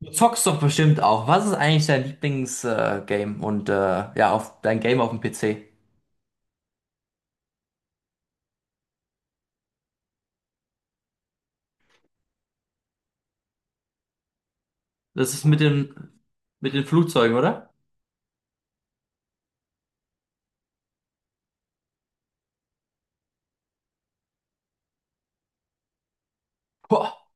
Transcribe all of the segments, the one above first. Du zockst doch bestimmt auch. Was ist eigentlich dein Lieblingsgame Game und ja, auf dein Game auf dem PC? Das ist mit den Flugzeugen, oder? Boah.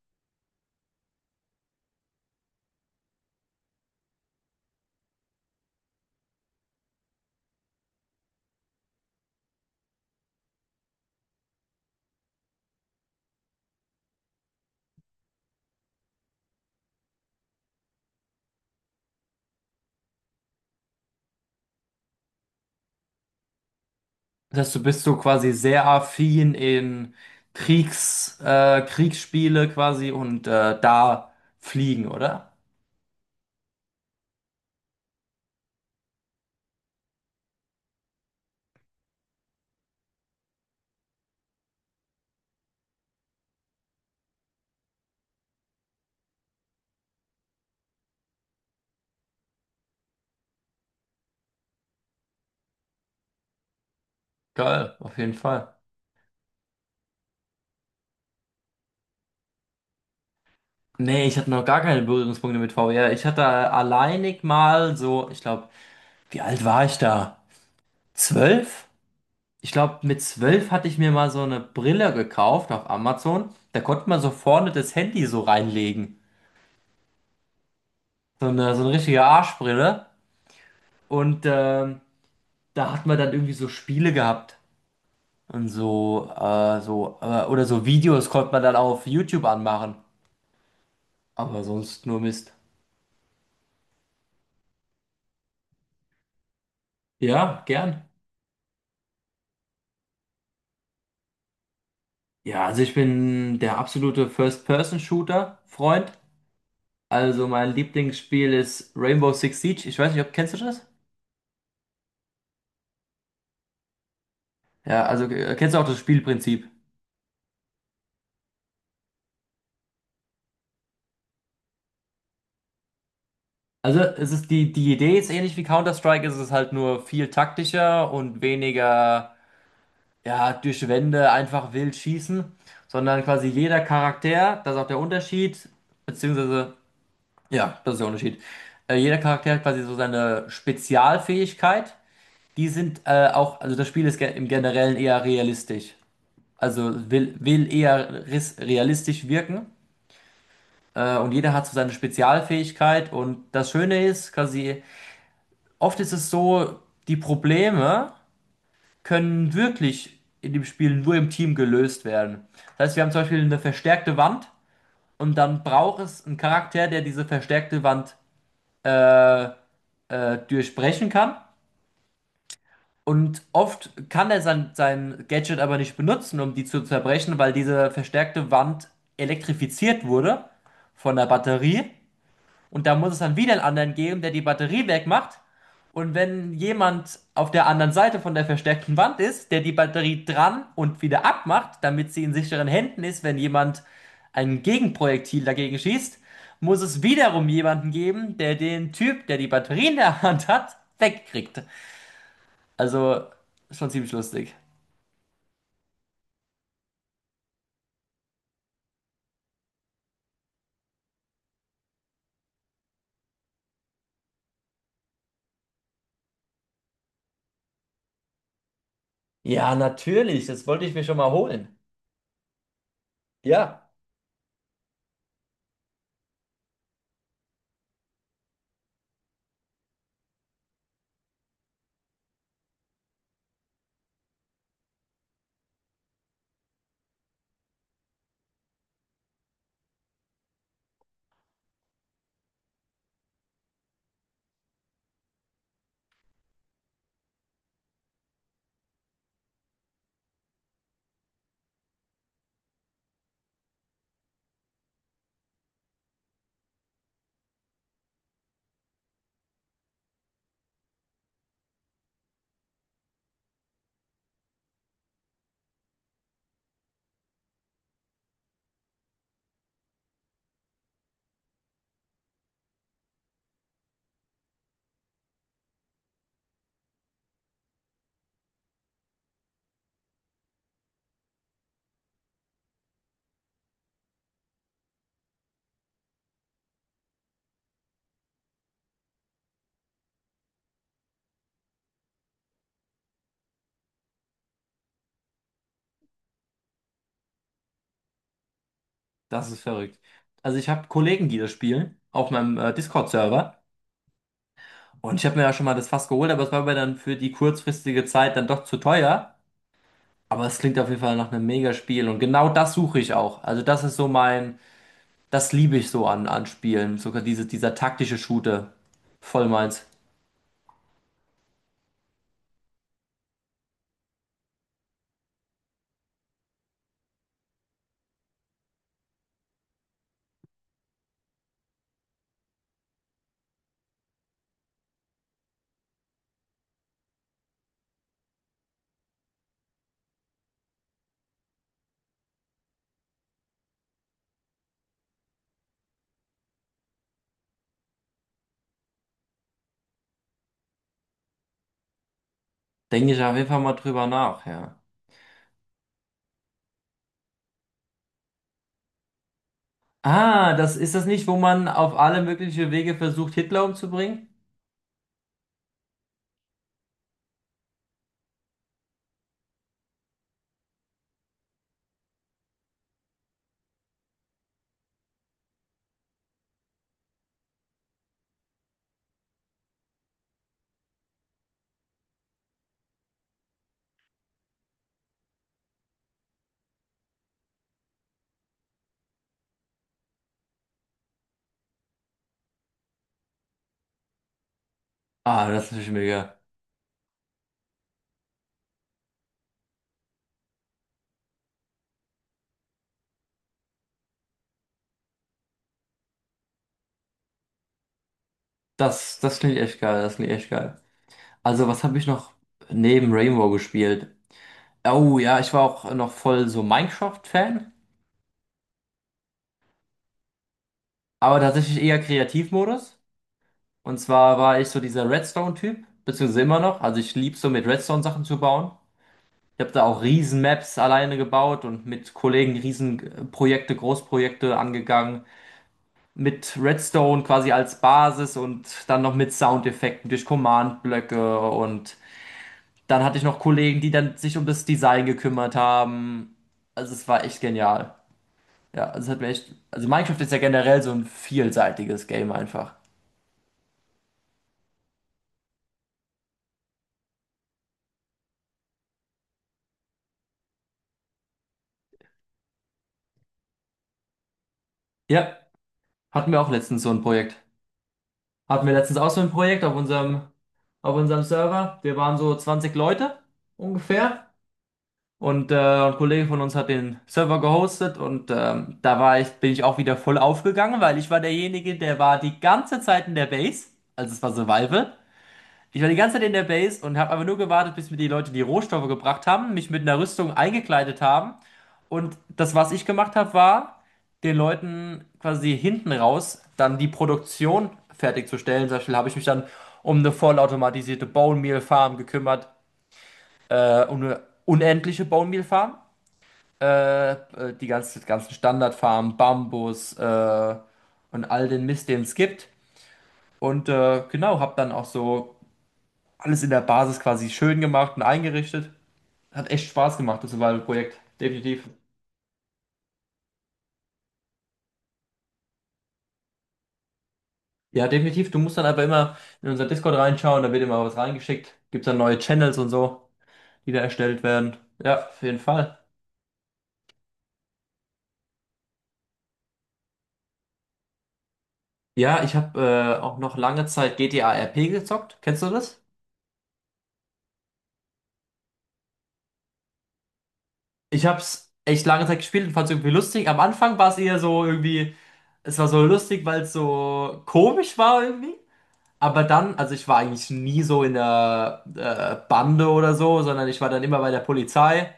Das heißt, du bist so quasi sehr affin in Kriegsspiele quasi und da fliegen, oder? Geil, auf jeden Fall. Nee, ich hatte noch gar keine Berührungspunkte mit VR. Ich hatte alleinig mal so, ich glaube, wie alt war ich da? 12? Ich glaube, mit 12 hatte ich mir mal so eine Brille gekauft auf Amazon. Da konnte man so vorne das Handy so reinlegen. So eine richtige Arschbrille. Und da hat man dann irgendwie so Spiele gehabt. Und so, oder so Videos konnte man dann auf YouTube anmachen. Aber sonst nur Mist. Ja, gern. Ja, also ich bin der absolute First-Person-Shooter-Freund. Also mein Lieblingsspiel ist Rainbow Six Siege. Ich weiß nicht, ob kennst du das? Ja, also kennst du auch das Spielprinzip? Also es ist die Idee ist ähnlich wie Counter-Strike, es ist halt nur viel taktischer und weniger ja, durch Wände einfach wild schießen, sondern quasi jeder Charakter, das ist auch der Unterschied, beziehungsweise, ja, das ist der Unterschied. Jeder Charakter hat quasi so seine Spezialfähigkeit. Die sind auch, also das Spiel ist im Generellen eher realistisch. Also will eher realistisch wirken. Und jeder hat so seine Spezialfähigkeit. Und das Schöne ist, quasi. Oft ist es so, die Probleme können wirklich in dem Spiel nur im Team gelöst werden. Das heißt, wir haben zum Beispiel eine verstärkte Wand und dann braucht es einen Charakter, der diese verstärkte Wand durchbrechen kann. Und oft kann er sein Gadget aber nicht benutzen, um die zu zerbrechen, weil diese verstärkte Wand elektrifiziert wurde von der Batterie. Und da muss es dann wieder einen anderen geben, der die Batterie wegmacht. Und wenn jemand auf der anderen Seite von der verstärkten Wand ist, der die Batterie dran und wieder abmacht, damit sie in sicheren Händen ist, wenn jemand ein Gegenprojektil dagegen schießt, muss es wiederum jemanden geben, der den Typ, der die Batterie in der Hand hat, wegkriegt. Also schon ziemlich lustig. Ja, natürlich, das wollte ich mir schon mal holen. Ja, das ist verrückt. Also ich habe Kollegen, die das spielen, auf meinem Discord-Server. Und ich habe mir ja schon mal das Fass geholt, aber es war mir dann für die kurzfristige Zeit dann doch zu teuer. Aber es klingt auf jeden Fall nach einem Mega-Spiel. Und genau das suche ich auch. Also das ist so mein, das liebe ich so an Spielen. Sogar dieser taktische Shooter. Voll meins. Denke ich auf jeden Fall mal drüber nach, ja. Ah, das ist das nicht, wo man auf alle möglichen Wege versucht, Hitler umzubringen? Ah, das ist natürlich mega. Das klingt echt geil, das klingt echt geil. Also, was habe ich noch neben Rainbow gespielt? Oh ja, ich war auch noch voll so Minecraft-Fan, aber tatsächlich eher Kreativmodus. Und zwar war ich so dieser Redstone-Typ, beziehungsweise immer noch. Also ich lieb so mit Redstone Sachen zu bauen. Ich habe da auch riesen Maps alleine gebaut und mit Kollegen riesen Großprojekte angegangen. Mit Redstone quasi als Basis und dann noch mit Soundeffekten durch Command-Blöcke. Und dann hatte ich noch Kollegen, die dann sich um das Design gekümmert haben. Also es war echt genial. Ja, also es hat mir echt. Also Minecraft ist ja generell so ein vielseitiges Game einfach. Ja, hatten wir auch letztens so ein Projekt. Hatten wir letztens auch so ein Projekt auf unserem Server. Wir waren so 20 Leute ungefähr. Und ein Kollege von uns hat den Server gehostet und da bin ich auch wieder voll aufgegangen, weil ich war derjenige, der war die ganze Zeit in der Base. Also es war Survival. Ich war die ganze Zeit in der Base und habe einfach nur gewartet, bis mir die Leute die Rohstoffe gebracht haben, mich mit einer Rüstung eingekleidet haben. Und das, was ich gemacht habe, war, den Leuten quasi hinten raus dann die Produktion fertigzustellen. Zum Beispiel habe ich mich dann um eine vollautomatisierte Bone Meal Farm gekümmert, um eine unendliche Bone Meal Farm. Die ganzen Standardfarmen, Bambus und all den Mist, den es gibt. Und genau, habe dann auch so alles in der Basis quasi schön gemacht und eingerichtet. Hat echt Spaß gemacht, das war ein Projekt, definitiv. Ja, definitiv. Du musst dann aber immer in unser Discord reinschauen, da wird immer was reingeschickt. Gibt dann neue Channels und so, die da erstellt werden. Ja, auf jeden Fall. Ja, ich habe auch noch lange Zeit GTA RP gezockt. Kennst du das? Ich hab's echt lange Zeit gespielt und fand's irgendwie lustig. Am Anfang war es eher so irgendwie, es war so lustig, weil es so komisch war irgendwie. Aber dann, also ich war eigentlich nie so in der Bande oder so, sondern ich war dann immer bei der Polizei.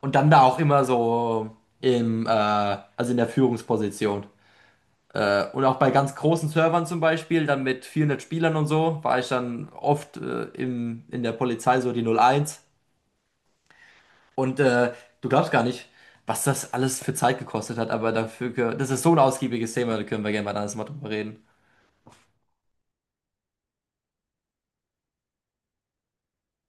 Und dann da auch immer so also in der Führungsposition. Und auch bei ganz großen Servern zum Beispiel, dann mit 400 Spielern und so, war ich dann oft in der Polizei so die 01. Und du glaubst gar nicht, was das alles für Zeit gekostet hat, aber dafür, das ist so ein ausgiebiges Thema, da können wir gerne mal ein anderes Mal drüber reden.